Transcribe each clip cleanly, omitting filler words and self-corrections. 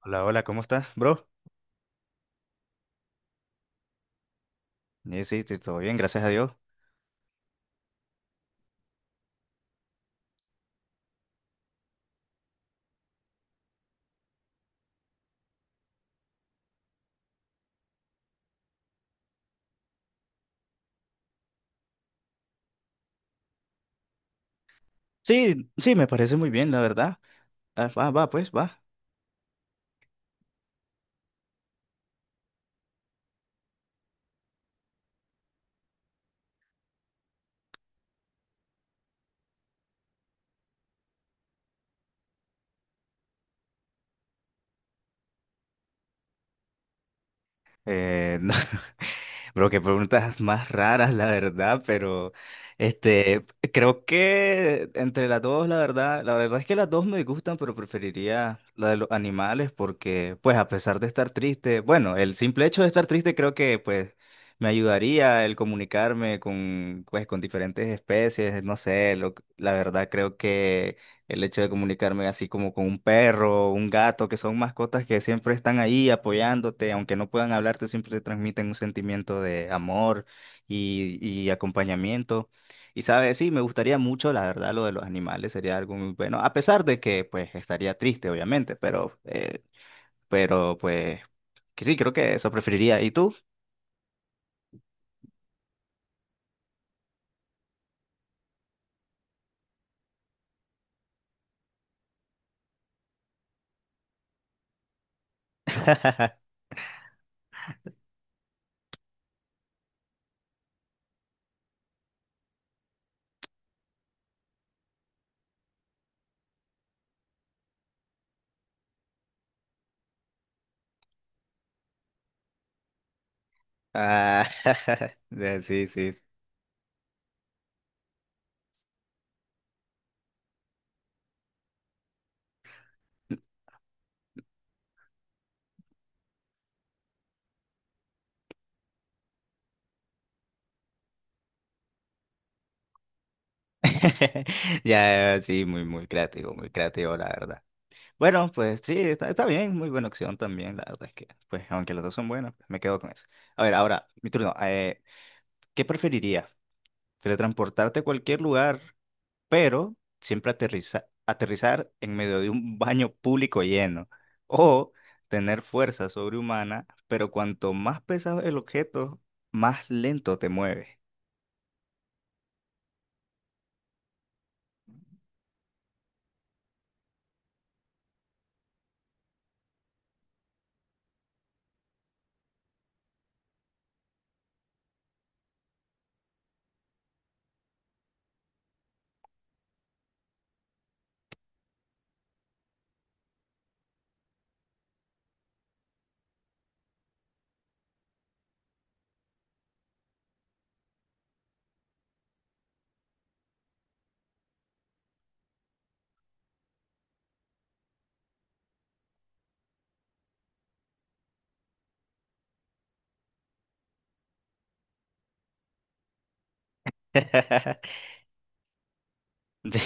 Hola, hola, ¿cómo estás, bro? Sí, sí, todo bien, gracias a Dios. Sí, sí, me parece muy bien, la verdad. Ah, va, va, pues, va. No, bro, qué preguntas más raras, la verdad, pero este, creo que entre las dos, la verdad es que las dos me gustan, pero preferiría la de los animales porque, pues, a pesar de estar triste, bueno, el simple hecho de estar triste creo que, pues, me ayudaría el comunicarme con, pues, con diferentes especies, no sé, lo, la verdad creo que el hecho de comunicarme así como con un perro, un gato, que son mascotas que siempre están ahí apoyándote, aunque no puedan hablarte, siempre te transmiten un sentimiento de amor y acompañamiento. Y sabes, sí, me gustaría mucho, la verdad, lo de los animales sería algo muy bueno, a pesar de que pues estaría triste, obviamente, pero pues que sí, creo que eso preferiría. ¿Y tú? Ah, sí, sí. Ya, sí, muy, muy creativo, la verdad. Bueno, pues sí, está, está bien, muy buena opción también, la verdad es que, pues aunque las dos son buenas, pues, me quedo con eso. A ver, ahora, mi turno. ¿Qué preferiría? Teletransportarte a cualquier lugar, pero aterrizar en medio de un baño público lleno. O tener fuerza sobrehumana, pero cuanto más pesado el objeto, más lento te mueves.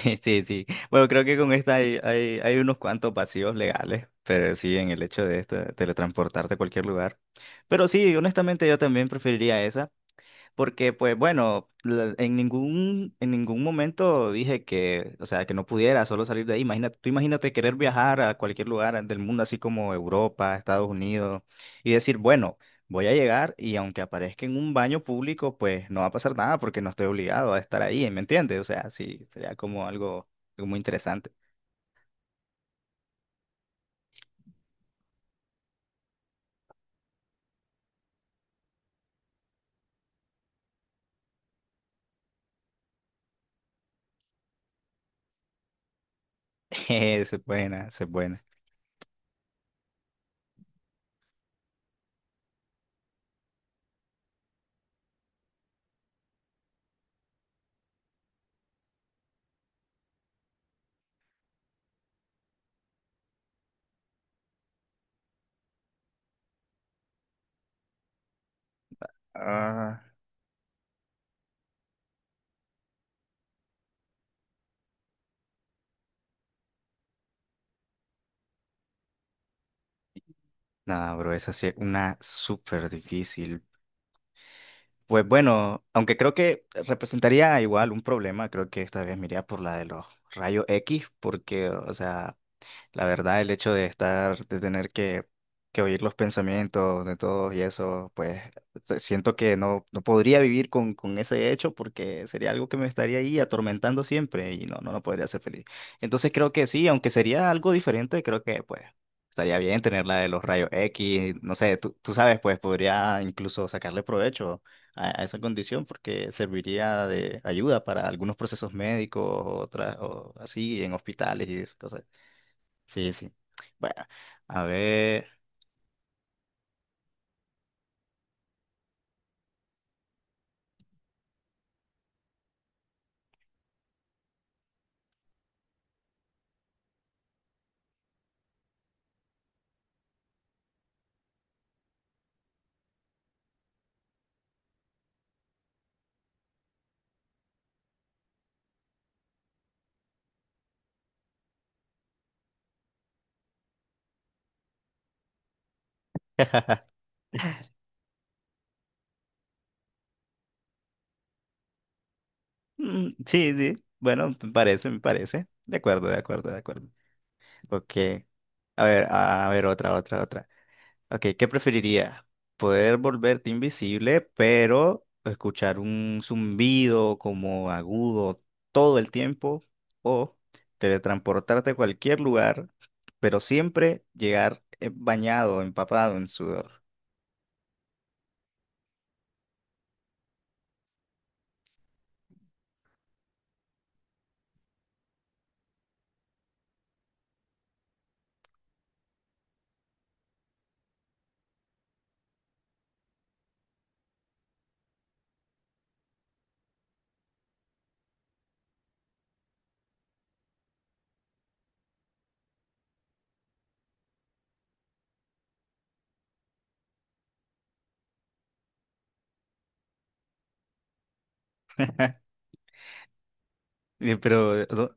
Sí, sí, sí. Bueno, creo que con esta hay, hay unos cuantos vacíos legales, pero sí, en el hecho de esto, de teletransportarte a cualquier lugar. Pero sí, honestamente yo también preferiría esa. Porque, pues bueno, en ningún momento dije que, o sea, que no pudiera solo salir de ahí. Imagínate, tú imagínate querer viajar a cualquier lugar del mundo, así como Europa, Estados Unidos, y decir, bueno, voy a llegar y aunque aparezca en un baño público, pues no va a pasar nada porque no estoy obligado a estar ahí, ¿me entiendes? O sea, sí, sería como algo, algo muy interesante. Esa es buena, esa es buena. Ah. Nada, bro, esa sí es una súper difícil. Pues bueno, aunque creo que representaría igual un problema, creo que esta vez me iría por la de los rayos X, porque, o sea, la verdad, el hecho de estar, de tener que oír los pensamientos de todos y eso, siento que no, no podría vivir con ese hecho porque sería algo que me estaría ahí atormentando siempre y no, no, no podría ser feliz. Entonces creo que sí, aunque sería algo diferente, creo que pues estaría bien tener la de los rayos X, no sé, tú sabes, pues podría incluso sacarle provecho a esa condición porque serviría de ayuda para algunos procesos médicos o así en hospitales y esas cosas. Sí, sí. Bueno, a ver. Mm, sí, sí. Bueno, me parece, me parece. De acuerdo, de acuerdo, de acuerdo. Ok. A ver, otra, otra, otra. Ok, ¿qué preferirías? ¿Poder volverte invisible, pero escuchar un zumbido como agudo todo el tiempo? ¿O teletransportarte a cualquier lugar, pero siempre llegar bañado, empapado en sudor? Eh, Pero, ¿dó-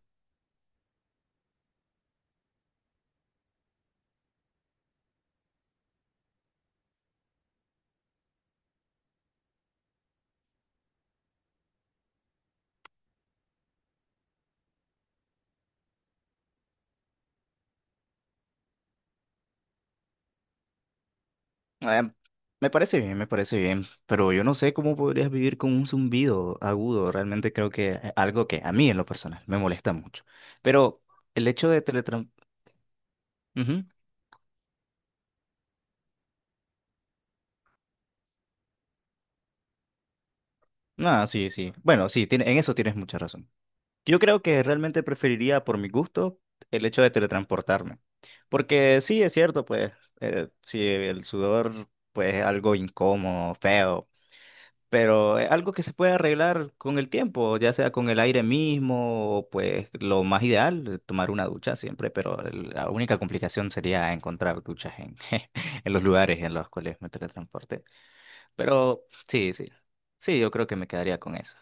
Eh, Me parece bien, me parece bien, pero yo no sé cómo podrías vivir con un zumbido agudo. Realmente creo que es algo que a mí en lo personal me molesta mucho. Pero el hecho de teletransportar... No, sí, sí. Bueno, sí, en eso tienes mucha razón. Yo creo que realmente preferiría, por mi gusto, el hecho de teletransportarme. Porque sí, es cierto, pues, si el sudor, pues, es algo incómodo, feo pero es algo que se puede arreglar con el tiempo, ya sea con el aire mismo, o pues lo más ideal, tomar una ducha siempre, pero la única complicación sería encontrar duchas en, en los lugares en los cuales me teletransporte. Pero sí, sí, sí, yo creo que me quedaría con eso.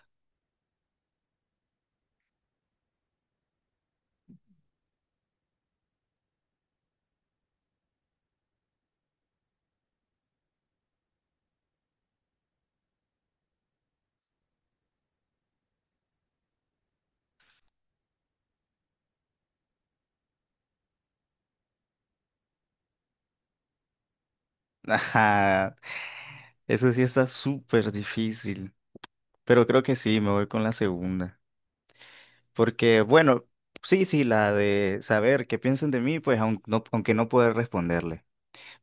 Ajá, eso sí está súper difícil, pero creo que sí, me voy con la segunda, porque bueno, sí, sí, la de saber qué piensan de mí, pues aunque no poder responderle.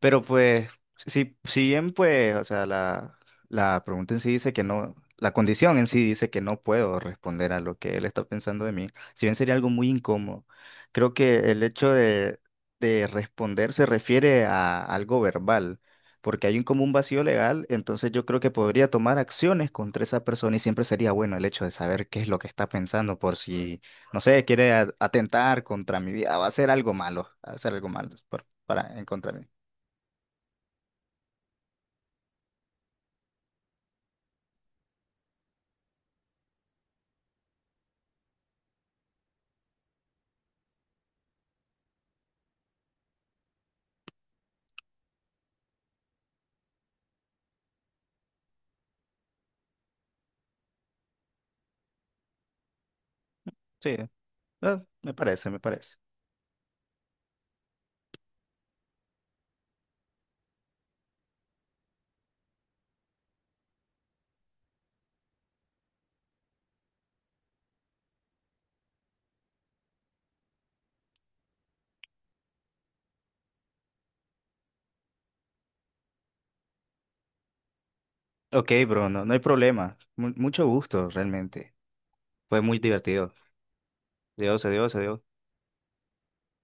Pero pues, si, si bien pues, o sea, la pregunta en sí dice que no, la condición en sí dice que no puedo responder a lo que él está pensando de mí, si bien sería algo muy incómodo, creo que el hecho de responder se refiere a algo verbal, porque hay un como un vacío legal, entonces yo creo que podría tomar acciones contra esa persona y siempre sería bueno el hecho de saber qué es lo que está pensando por si, no sé, quiere atentar contra mi vida, va a hacer algo malo, va a hacer algo malo para, en contra mí. Sí, me parece, me parece. Ok, bro, no, no hay problema. Mucho gusto, realmente. Fue muy divertido. Dios, adiós, adiós.